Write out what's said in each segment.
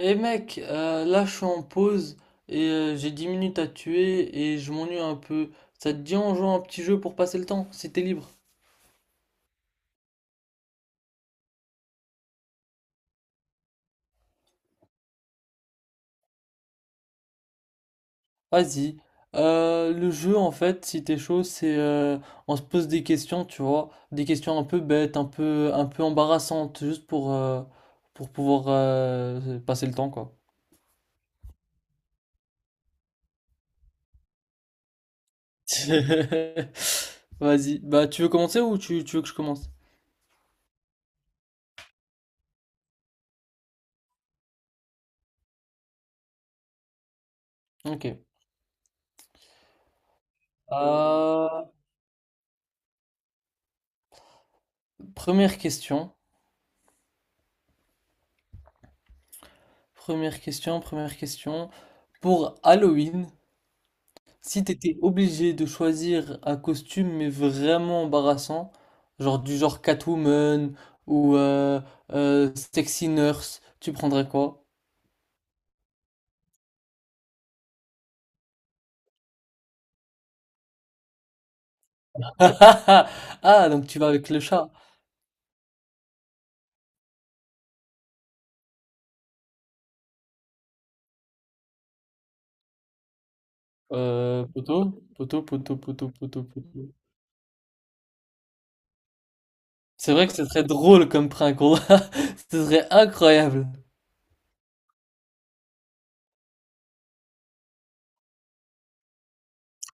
Eh mec, là je suis en pause et j'ai 10 minutes à tuer et je m'ennuie un peu. Ça te dit on joue à un petit jeu pour passer le temps, si t'es libre. Vas-y. Le jeu en fait, si t'es chaud, c'est on se pose des questions, tu vois, des questions un peu bêtes, un peu embarrassantes, juste pour pour pouvoir passer le temps quoi. Vas-y. Bah tu veux commencer ou tu veux que je commence? Ok. Euh, première question. Première question, première question. Pour Halloween, si t'étais obligé de choisir un costume mais vraiment embarrassant, genre du genre Catwoman ou Sexy Nurse, tu prendrais quoi? Ah, donc tu vas avec le chat. Poteau, poteau, poteau, poteau, poteau, poteau. C'est vrai que ce serait drôle comme prank, on- ce serait incroyable.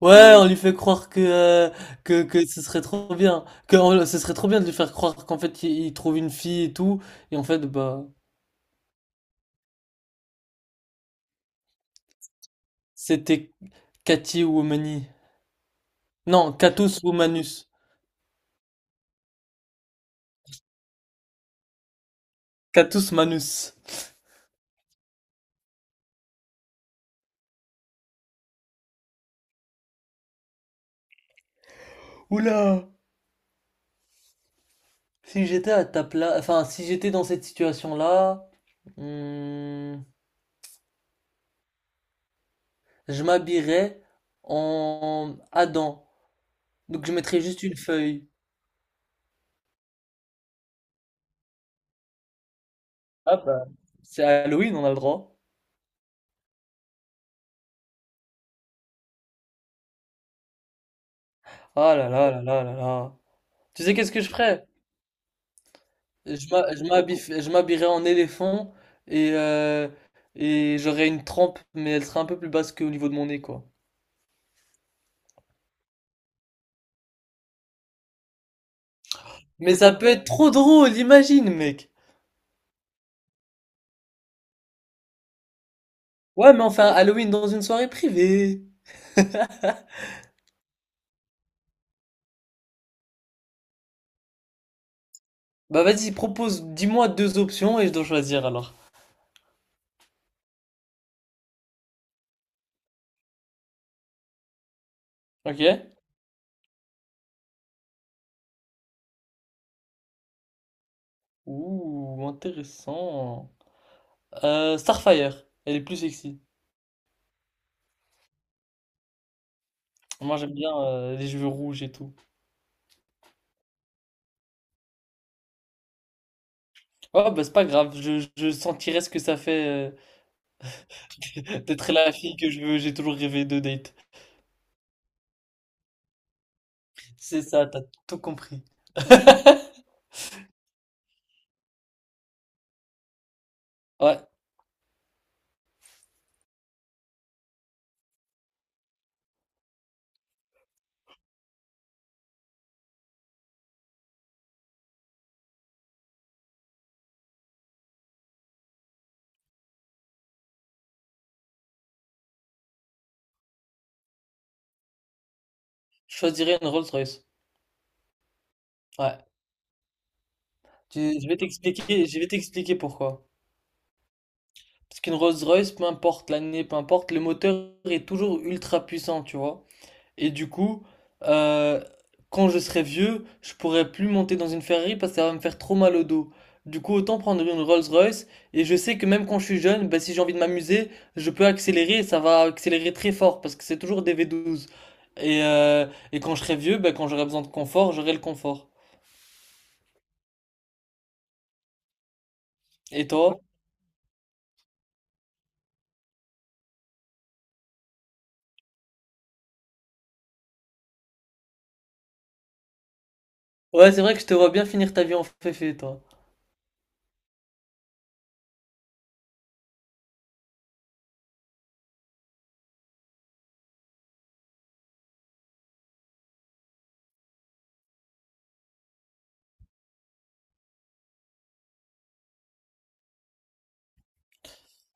Ouais, on lui fait croire que, que ce serait trop bien. Que on- ce serait trop bien de lui faire croire qu'en fait il trouve une fille et tout. Et en fait, bah. C'était Cati Woumani. Non, Catus Womanus. Catus Manus. Oula! Si j'étais à ta place, enfin, si j'étais dans cette situation-là, hmm, je m'habillerais en Adam. Donc je mettrais juste une feuille. Ah bah. C'est Halloween, on a le droit. Ah là là là là là là. Tu sais qu'est-ce que je ferais? Je m'habillerais en éléphant et et j'aurais une trempe, mais elle serait un peu plus basse qu'au niveau de mon nez, quoi. Mais ça peut être trop drôle, imagine, mec. Ouais, mais enfin, Halloween dans une soirée privée. Bah vas-y, propose, dis-moi deux options et je dois choisir alors. Ok? Ouh, intéressant. Starfire, elle est plus sexy. Moi j'aime bien les cheveux rouges et tout. Oh bah c'est pas grave, je sentirais ce que ça fait d'être la fille que je veux, j'ai toujours rêvé de date. C'est ça, t'as tout compris. Ouais, je choisirais une Rolls-Royce. Ouais, je vais t'expliquer pourquoi. Parce qu'une Rolls-Royce, peu importe l'année, peu importe, le moteur est toujours ultra puissant, tu vois. Et du coup, euh, quand je serai vieux, je pourrai plus monter dans une Ferrari parce que ça va me faire trop mal au dos. Du coup, autant prendre une Rolls-Royce. Et je sais que même quand je suis jeune, bah, si j'ai envie de m'amuser, je peux accélérer et ça va accélérer très fort parce que c'est toujours des V12. Et et quand je serai vieux, bah, quand j'aurai besoin de confort, j'aurai le confort. Et toi? Ouais, c'est vrai que je te vois bien finir ta vie en féfé, toi.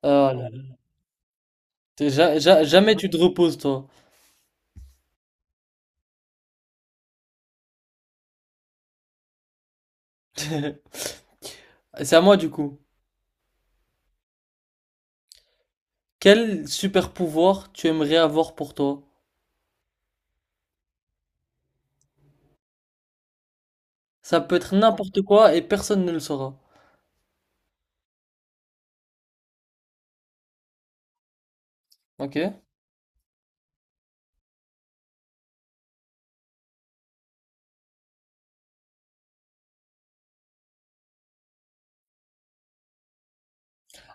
Ah là là. T'es jamais tu te reposes, toi. C'est à moi du coup. Quel super pouvoir tu aimerais avoir pour toi? Ça peut être n'importe quoi et personne ne le saura. Ok?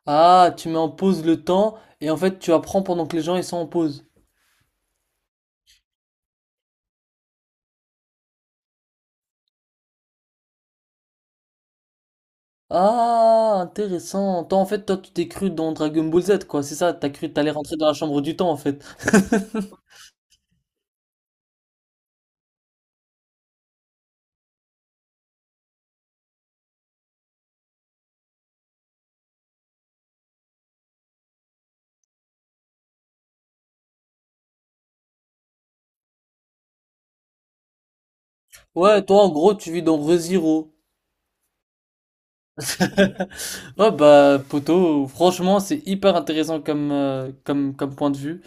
Ah, tu mets en pause le temps et en fait tu apprends pendant que les gens ils sont en pause. Ah, intéressant. Toi en fait toi tu t'es cru dans Dragon Ball Z quoi, c'est ça? T'as cru que t'allais rentrer dans la chambre du temps en fait. Ouais, toi en gros tu vis dans ReZero. Ouais bah poto, franchement c'est hyper intéressant comme point de vue.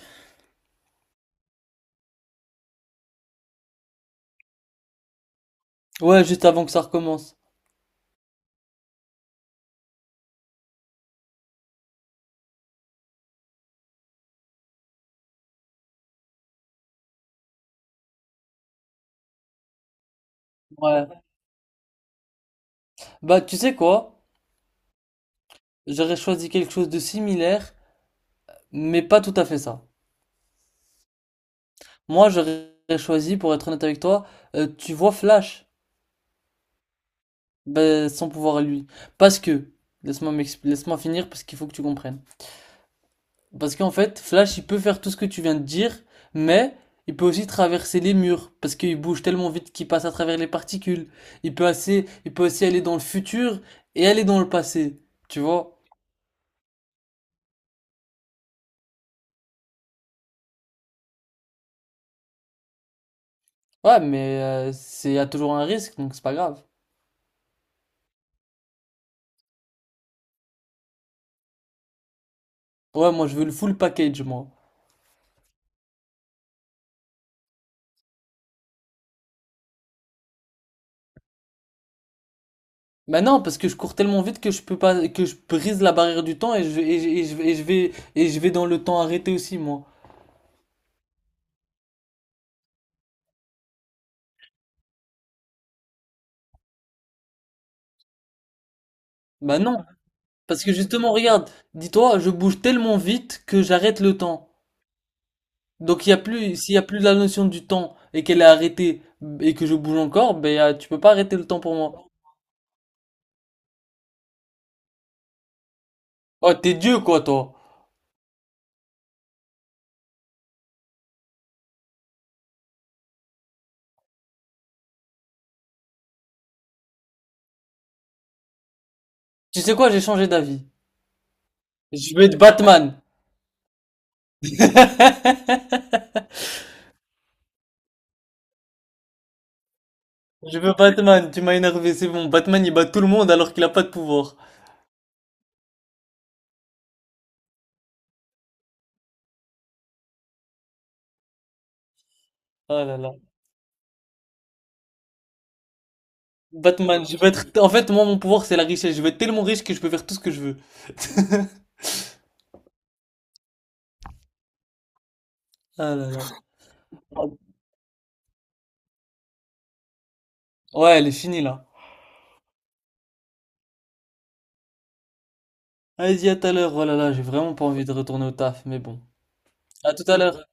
Ouais, juste avant que ça recommence. Ouais. Bah tu sais quoi? J'aurais choisi quelque chose de similaire, mais pas tout à fait ça. Moi, j'aurais choisi, pour être honnête avec toi, tu vois Flash, ben, son pouvoir à lui. Parce que, laisse-moi finir parce qu'il faut que tu comprennes. Parce qu'en fait, Flash, il peut faire tout ce que tu viens de dire, mais il peut aussi traverser les murs parce qu'il bouge tellement vite qu'il passe à travers les particules. Il peut assez, il peut aussi aller dans le futur et aller dans le passé, tu vois? Ouais, mais il y a toujours un risque, donc c'est pas grave. Ouais, moi, je veux le full package, moi. Bah non, parce que je cours tellement vite que je peux pas, que je brise la barrière du temps et je, et je, et je, et je vais dans le temps arrêté aussi, moi. Bah non, parce que justement, regarde, dis-toi, je bouge tellement vite que j'arrête le temps. Donc il y a plus, s'il y a plus la notion du temps et qu'elle est arrêtée et que je bouge encore, tu peux pas arrêter le temps pour moi. Oh, t'es Dieu quoi, toi. Tu sais quoi, j'ai changé d'avis. Je veux être Batman. Je veux Batman, tu m'as énervé, c'est bon. Batman il bat tout le monde alors qu'il a pas de pouvoir. Oh là là. Batman, je veux être. En fait, moi, mon pouvoir, c'est la richesse. Je veux être tellement riche que je peux faire tout ce que je veux. Ah là là. Ouais, elle est finie là. Allez, y à tout à l'heure. Oh là là, j'ai vraiment pas envie de retourner au taf, mais bon. À tout à l'heure.